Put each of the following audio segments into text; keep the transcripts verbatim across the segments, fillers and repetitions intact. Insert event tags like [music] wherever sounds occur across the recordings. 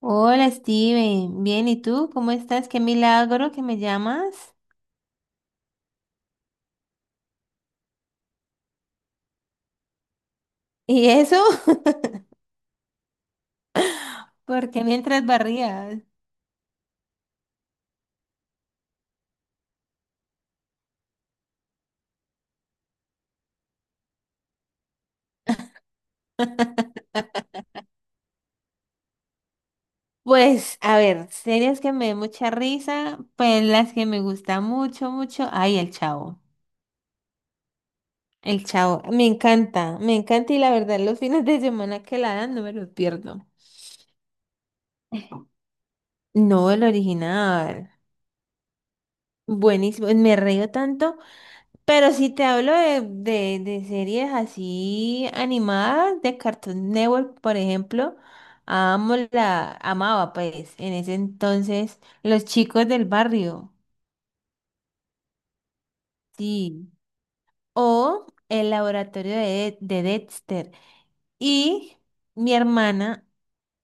Hola Steven, bien, ¿y tú? ¿Cómo estás? Qué milagro que me llamas. ¿Y eso? [laughs] ¿Porque mientras barrías? [laughs] Pues, a ver, series que me dan mucha risa, pues las que me gusta mucho, mucho. Ay, El Chavo. El Chavo, me encanta, me encanta y la verdad los fines de semana que la dan no me los pierdo. No, el original. Buenísimo, me río tanto. Pero si te hablo de, de, de series así animadas, de Cartoon Network, por ejemplo, amo la, amaba pues en ese entonces Los Chicos del Barrio, sí, o El Laboratorio de, de Dexter y mi hermana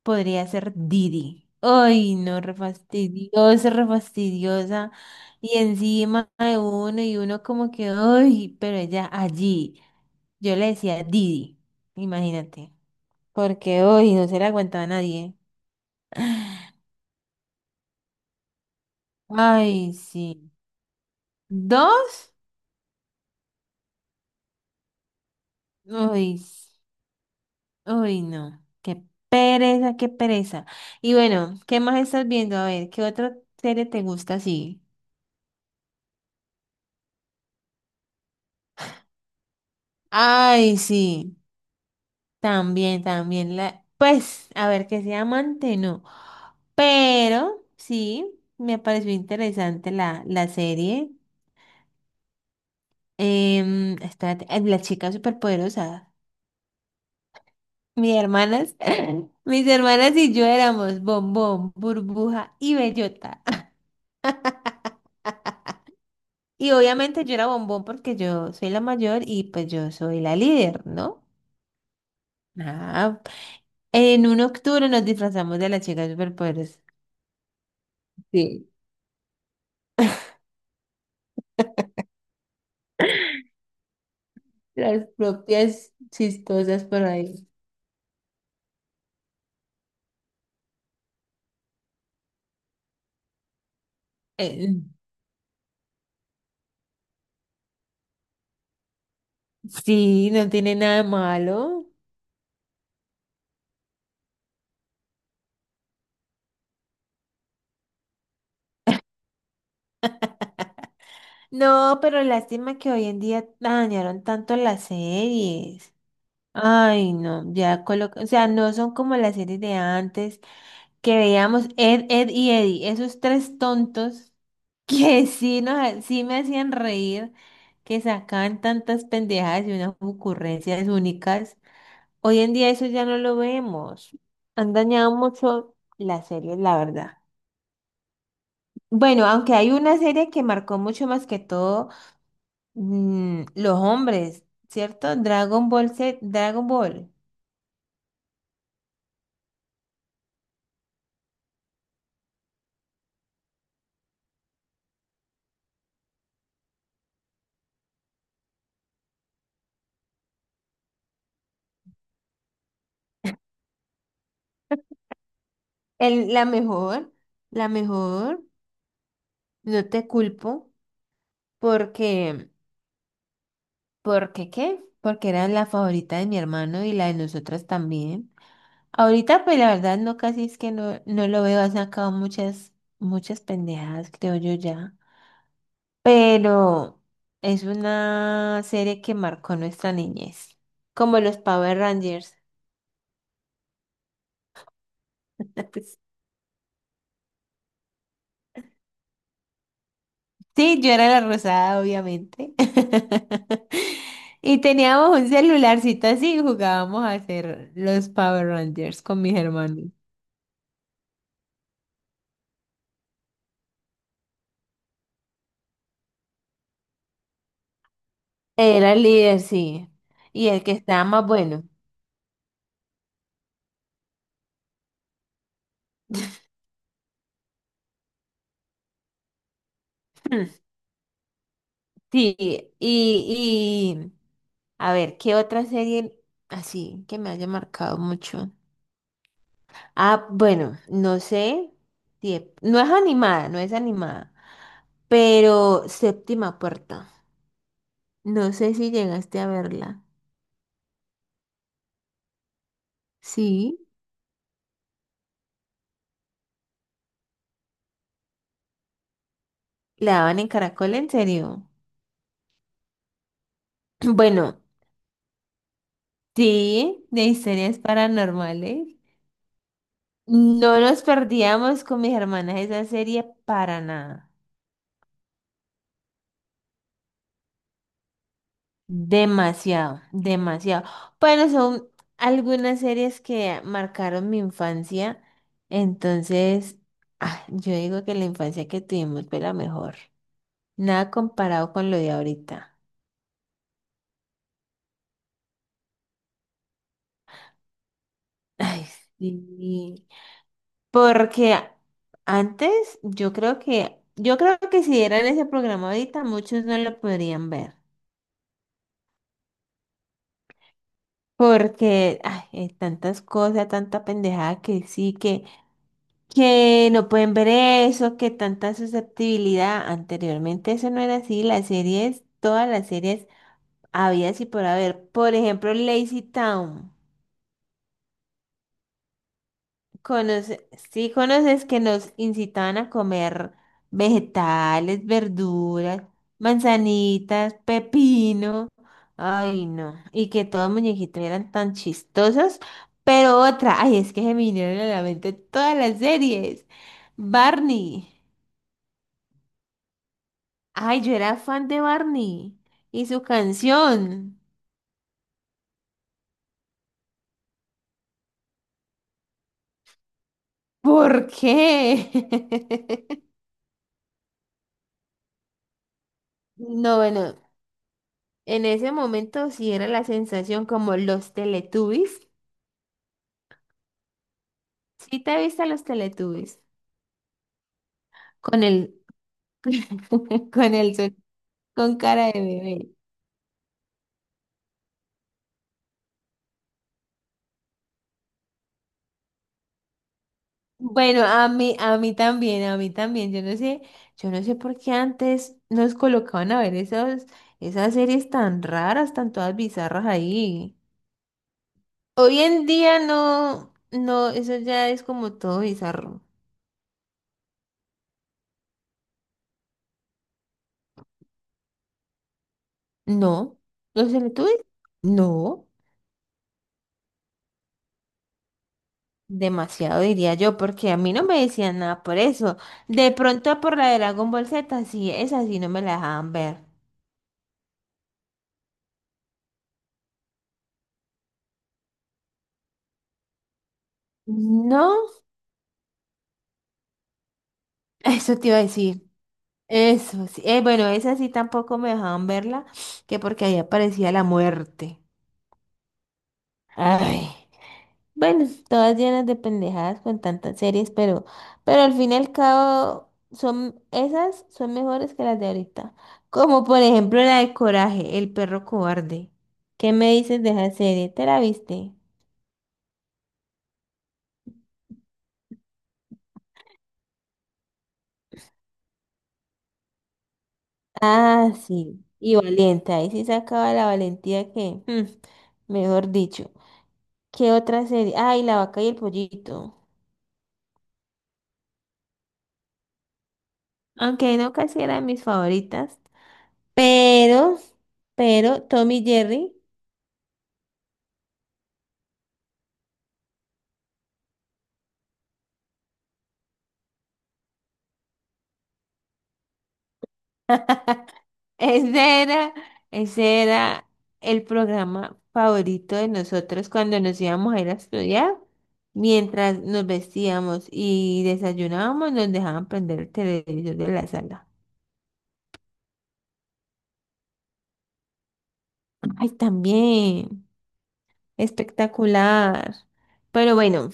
podría ser Didi. Ay, no, re fastidiosa, re fastidiosa. Y encima de uno y uno como que, ay, pero ella allí. Yo le decía Didi, imagínate, porque hoy no se le aguantaba a nadie. [gasps] Ay, sí. ¿Dos? Uy, s- uy, no. Qué pereza, qué pereza. Y bueno, ¿qué más estás viendo? A ver, ¿qué otra serie te gusta así? Ay, sí. También, también la. Pues, a ver, que sea amante, no. Pero sí, me pareció interesante la, la serie. Em, espérate, eh, la chica superpoderosa. Mis hermanas, [laughs] mis hermanas y yo éramos bombón, burbuja y bellota. [laughs] Y obviamente yo era bombón porque yo soy la mayor y pues yo soy la líder, ¿no? Ah, en un octubre nos disfrazamos de las chicas superpoderosas. Sí, las propias chistosas por ahí. Eh, sí, no tiene nada de malo. No, pero lástima que hoy en día dañaron tanto las series. Ay, no, ya coloca, o sea, no son como las series de antes que veíamos Ed, Ed y Eddie, esos tres tontos [laughs] que sí, nos, ha- sí me hacían reír, que sacaban tantas pendejadas y unas ocurrencias únicas. Hoy en día eso ya no lo vemos. Han dañado mucho las series, la verdad. Bueno, aunque hay una serie que marcó mucho más que todo mm, los hombres, ¿cierto? Dragon Ball Z, Dragon Ball. El- la mejor, la mejor, no te culpo porque, porque qué, porque era la favorita de mi hermano y la de nosotras también. Ahorita pues la verdad no casi es que no, no lo veo, ha sacado muchas, muchas pendejadas creo yo ya, pero es una serie que marcó nuestra niñez, como los Power Rangers. [laughs] Sí, yo era la rosada, obviamente. [laughs] Y teníamos un celularcito así y jugábamos a hacer los Power Rangers con mis hermanos. Era el líder, sí. Y el que estaba más bueno. [clears throat] Sí, y, y a ver, ¿qué otra serie así que me haya marcado mucho? Ah, bueno, no sé. si es- No es animada, no es animada. Pero Séptima Puerta. No sé si llegaste a verla. Sí, la daban en Caracol, en serio. [clears throat] Bueno, sí, de historias paranormales. No nos perdíamos con mis hermanas esa serie para nada. Demasiado, demasiado. Bueno, son algunas series que marcaron mi infancia. Entonces, ah, yo digo que la infancia que tuvimos fue la mejor. Nada comparado con lo de ahorita. Ay, sí. Porque antes yo creo que, yo creo que si dieran ese programa ahorita, muchos no lo podrían ver. Porque ay, hay tantas cosas, tanta pendejada que sí, que, que no pueden ver eso, que tanta susceptibilidad. Anteriormente eso no era así, las series, todas las series había y por haber. Por ejemplo, Lazy Town. Conoce, sí conoces que nos incitaban a comer vegetales, verduras, manzanitas, pepino. Ay, no. Y que todos los muñequitos eran tan chistosos. Pero otra, ay, es que se me vinieron a la mente todas las series. Barney. Ay, yo era fan de Barney y su canción. ¿Por qué? [laughs] No, bueno, en ese momento sí era la sensación como los Teletubbies. ¿Sí te viste a los Teletubbies con el [laughs] con el sol- con cara de bebé? Bueno, a mí a mí también, a mí también. Yo no sé, yo no sé por qué antes nos colocaban a ver esos esas series tan raras, tan todas bizarras ahí. Hoy en día no no eso ya es como todo bizarro. No, los Teletubbies no. Demasiado diría yo, porque a mí no me decían nada por eso. De pronto por la de Dragon Ball Z, sí, esa sí no me la dejaban ver. No, [laughs] eso te iba a decir. Eso sí. Eh, bueno, esa sí tampoco me dejaban verla, que porque ahí aparecía la muerte. Ay. Bueno, todas llenas de pendejadas con tantas series, pero, pero al fin y al cabo son esas son mejores que las de ahorita. Como por ejemplo la de Coraje, el perro cobarde. ¿Qué me dices de esa serie? ¿Te la viste? Ah, sí. Y valiente, ahí sí sacaba la valentía que, [laughs] mm, mejor dicho. ¿Qué otra serie? Ay, La vaca y el pollito. Aunque no casi era de mis favoritas. Pero, pero Tommy Jerry. Ese era, ese era el programa favorito de nosotros cuando nos íbamos a ir a estudiar. Mientras nos vestíamos y desayunábamos, nos dejaban prender el televisor de la sala. Ay, también. Espectacular. Pero bueno,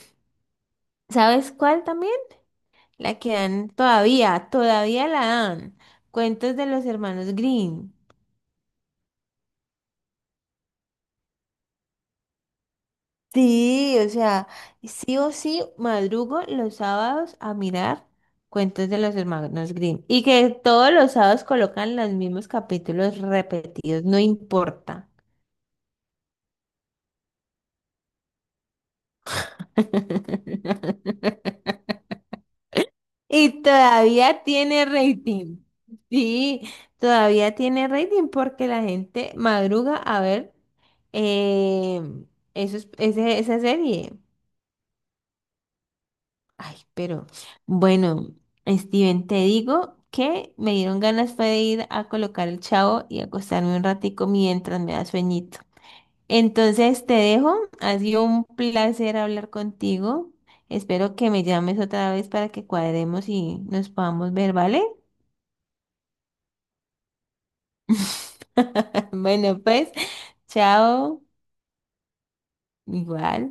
¿sabes cuál también? La que dan todavía, todavía la dan. Cuentos de los hermanos Green. Sí, o sea, sí o sí madrugo los sábados a mirar cuentos de los hermanos Grimm y que todos los sábados colocan los mismos capítulos repetidos, no importa. [laughs] Y todavía tiene rating. Sí, todavía tiene rating porque la gente madruga a ver eh, esos- ese- esa serie. Ay, pero bueno, Steven, te digo que me dieron ganas fue de ir a colocar el chavo y acostarme un ratico mientras me da sueñito. Entonces te dejo, ha sido un placer hablar contigo. Espero que me llames otra vez para que cuadremos y nos podamos ver, ¿vale? [laughs] Bueno, pues, chao, igual.